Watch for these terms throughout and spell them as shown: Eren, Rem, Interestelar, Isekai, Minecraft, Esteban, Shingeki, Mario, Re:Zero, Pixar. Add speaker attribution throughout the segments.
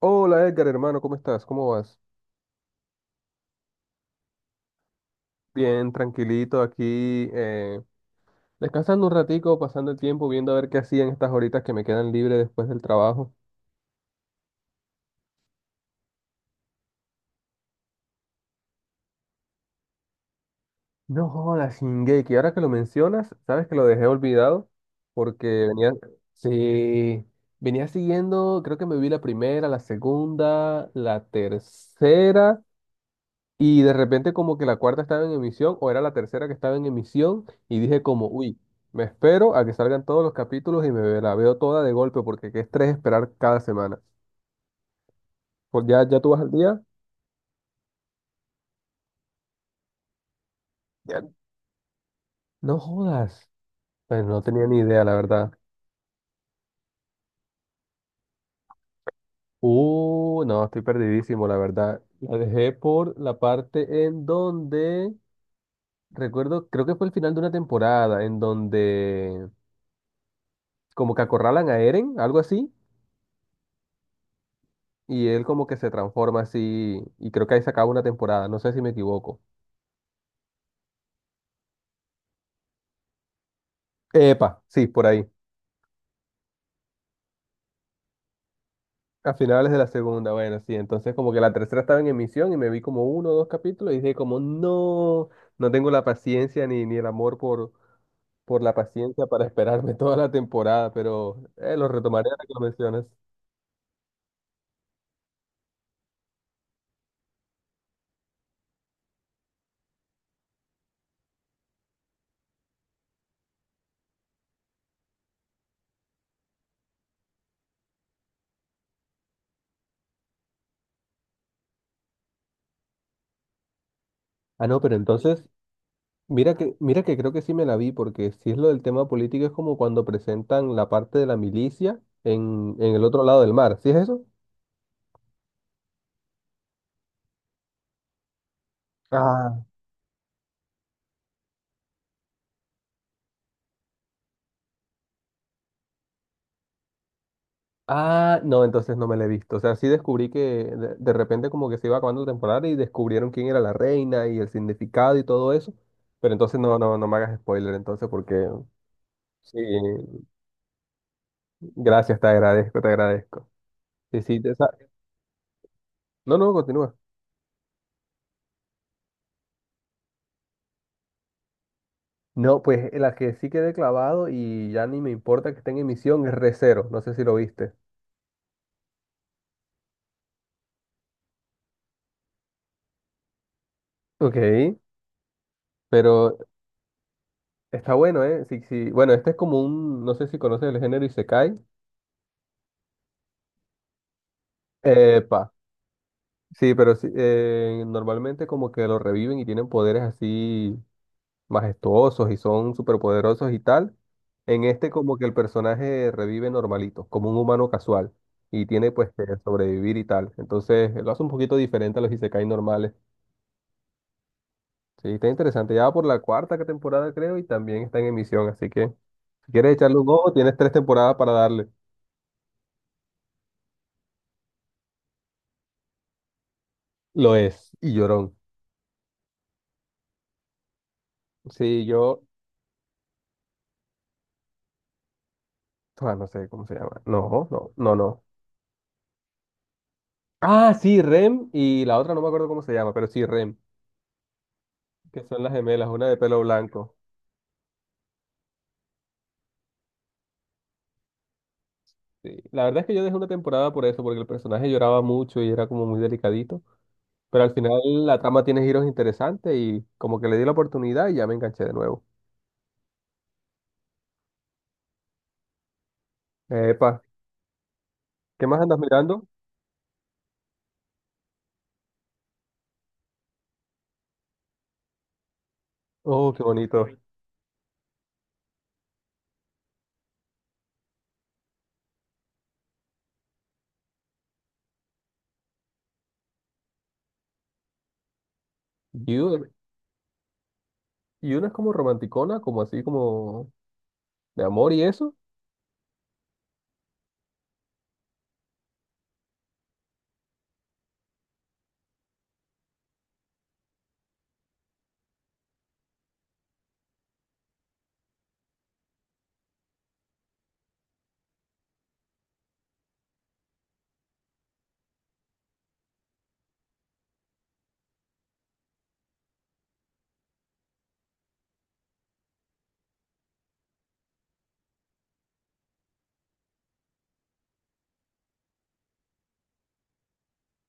Speaker 1: Hola Edgar, hermano, ¿cómo estás? ¿Cómo vas? Bien, tranquilito aquí, descansando un ratico, pasando el tiempo, viendo a ver qué hacían estas horitas que me quedan libres después del trabajo. No jodas, Shingeki, ahora que lo mencionas, sabes que lo dejé olvidado porque venía, sí, venía siguiendo, creo que me vi la primera, la segunda, la tercera. Y de repente como que la cuarta estaba en emisión o era la tercera que estaba en emisión y dije como, uy, me espero a que salgan todos los capítulos y me la veo toda de golpe porque qué estrés esperar cada semana. Pues ya, ya tú vas al día. Ya. No jodas. Pues no tenía ni idea, la verdad. No, estoy perdidísimo, la verdad. La dejé por la parte en donde, recuerdo, creo que fue el final de una temporada, en donde como que acorralan a Eren, algo así. Y él como que se transforma así y creo que ahí se acaba una temporada, no sé si me equivoco. Epa, sí, por ahí. A finales de la segunda, bueno, sí, entonces como que la tercera estaba en emisión y me vi como uno o dos capítulos y dije como no, no tengo la paciencia ni el amor por la paciencia para esperarme toda la temporada, pero lo retomaré ahora que lo mencionas. Ah, no, pero entonces, mira que creo que sí me la vi, porque si es lo del tema político es como cuando presentan la parte de la milicia en el otro lado del mar, ¿sí es eso? Ah, Ah, no, entonces no me la he visto. O sea, sí descubrí que de repente como que se iba acabando la temporada y descubrieron quién era la reina y el significado y todo eso. Pero entonces no, no, no me hagas spoiler, entonces, porque sí, gracias, te agradezco, te agradezco. Sí, sí, no, no, continúa. No, pues la que sí quedé clavado y ya ni me importa que esté en emisión es Re:Zero, no sé si lo viste. Ok, pero está bueno, ¿eh? Sí, sí. Bueno, este es como un, no sé si conoces el género Isekai. Epa. Sí, pero sí, normalmente como que lo reviven y tienen poderes así majestuosos y son superpoderosos y tal. En este como que el personaje revive normalito, como un humano casual y tiene pues que sobrevivir y tal. Entonces lo hace un poquito diferente a los isekai normales. Sí, está interesante. Ya va por la cuarta temporada creo y también está en emisión, así que si quieres echarle un ojo, tienes tres temporadas para darle. Lo es, y llorón. Sí, yo, ah, no sé cómo se llama. No, no, no, no. Ah, sí, Rem y la otra no me acuerdo cómo se llama, pero sí, Rem, que son las gemelas, una de pelo blanco. Sí. La verdad es que yo dejé una temporada por eso, porque el personaje lloraba mucho y era como muy delicadito, pero al final la trama tiene giros interesantes y como que le di la oportunidad y ya me enganché de nuevo. Epa, ¿qué más andas mirando? Oh, qué bonito. You. You no es como romanticona, como así como de amor y eso.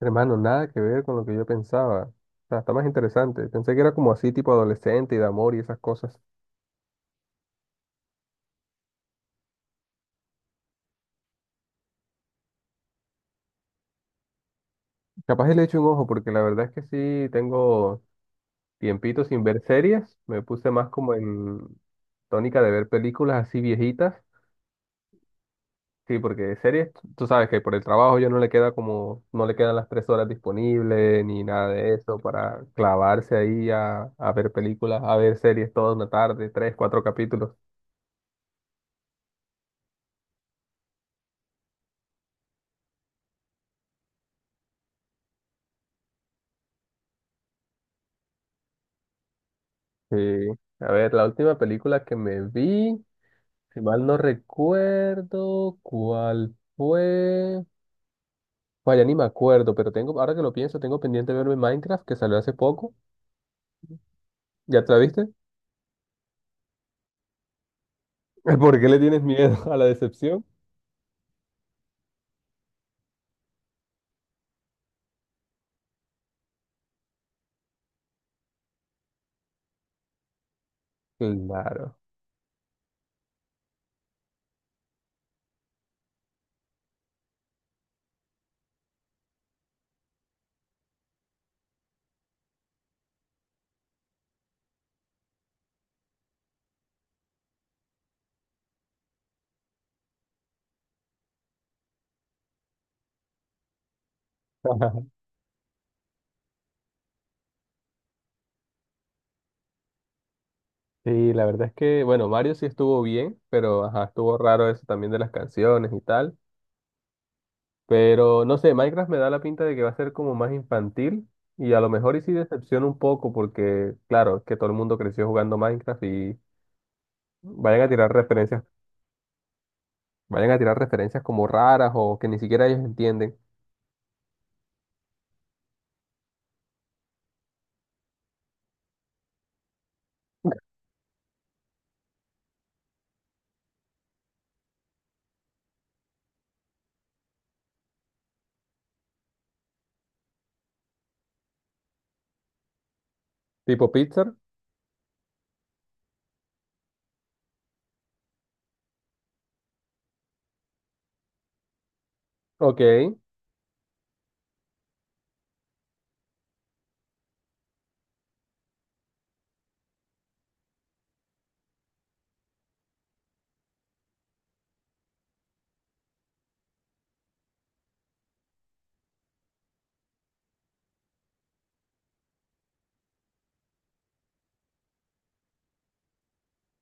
Speaker 1: Hermano, nada que ver con lo que yo pensaba. O sea, está más interesante. Pensé que era como así tipo adolescente y de amor y esas cosas. Capaz y le echo un ojo, porque la verdad es que sí tengo tiempito sin ver series. Me puse más como en tónica de ver películas así viejitas. Sí, porque series, tú sabes que por el trabajo ya no le queda como, no le quedan las 3 horas disponibles ni nada de eso para clavarse ahí a ver películas, a ver series toda una tarde, tres, cuatro capítulos. Sí. A ver, la última película que me vi, si mal no recuerdo, ¿cuál fue? Bueno, ya ni me acuerdo, pero tengo, ahora que lo pienso, tengo pendiente verme Minecraft, que salió hace poco. ¿Ya te la viste? ¿Por qué le tienes miedo a la decepción? Claro. Sí, la verdad es que, bueno, Mario sí estuvo bien, pero ajá, estuvo raro eso también de las canciones y tal. Pero no sé, Minecraft me da la pinta de que va a ser como más infantil y a lo mejor y sí decepciona un poco porque, claro, es que todo el mundo creció jugando Minecraft y vayan a tirar referencias, vayan a tirar referencias como raras o que ni siquiera ellos entienden. Tipo Pixar, ok,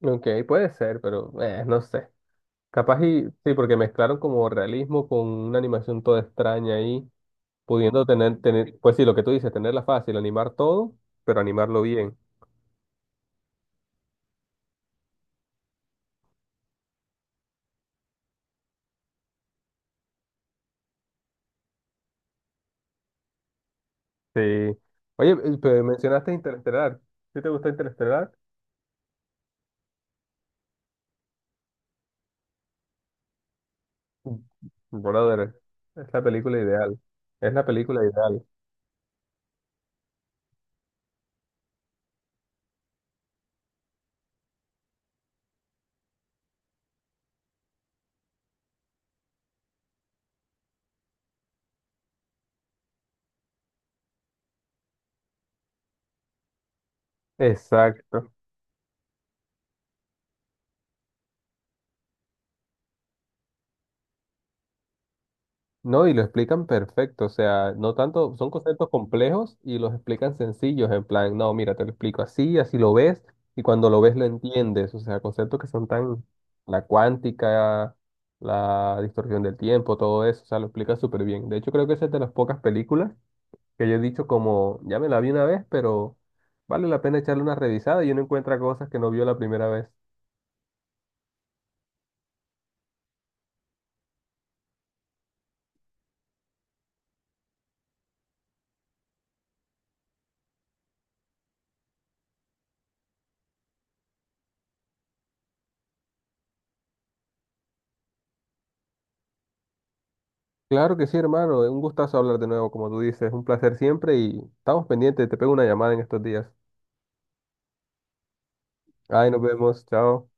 Speaker 1: Ok, puede ser, pero no sé. Capaz y sí, porque mezclaron como realismo con una animación toda extraña ahí, pudiendo tener, pues sí, lo que tú dices, tenerla fácil, animar todo, pero animarlo bien. Sí. Oye, mencionaste Interestelar. ¿Sí te gusta Interestelar? Mm. Brother, es la película ideal. Es la película ideal. Exacto. No, y lo explican perfecto, o sea, no tanto, son conceptos complejos y los explican sencillos, en plan, no, mira, te lo explico así, así lo ves, y cuando lo ves lo entiendes, o sea, conceptos que son tan, la cuántica, la distorsión del tiempo, todo eso, o sea, lo explica súper bien. De hecho, creo que esa es de las pocas películas que yo he dicho como, ya me la vi una vez, pero vale la pena echarle una revisada y uno encuentra cosas que no vio la primera vez. Claro que sí, hermano, un gustazo hablar de nuevo, como tú dices, un placer siempre y estamos pendientes, te pego una llamada en estos días. Ay, nos vemos, chao.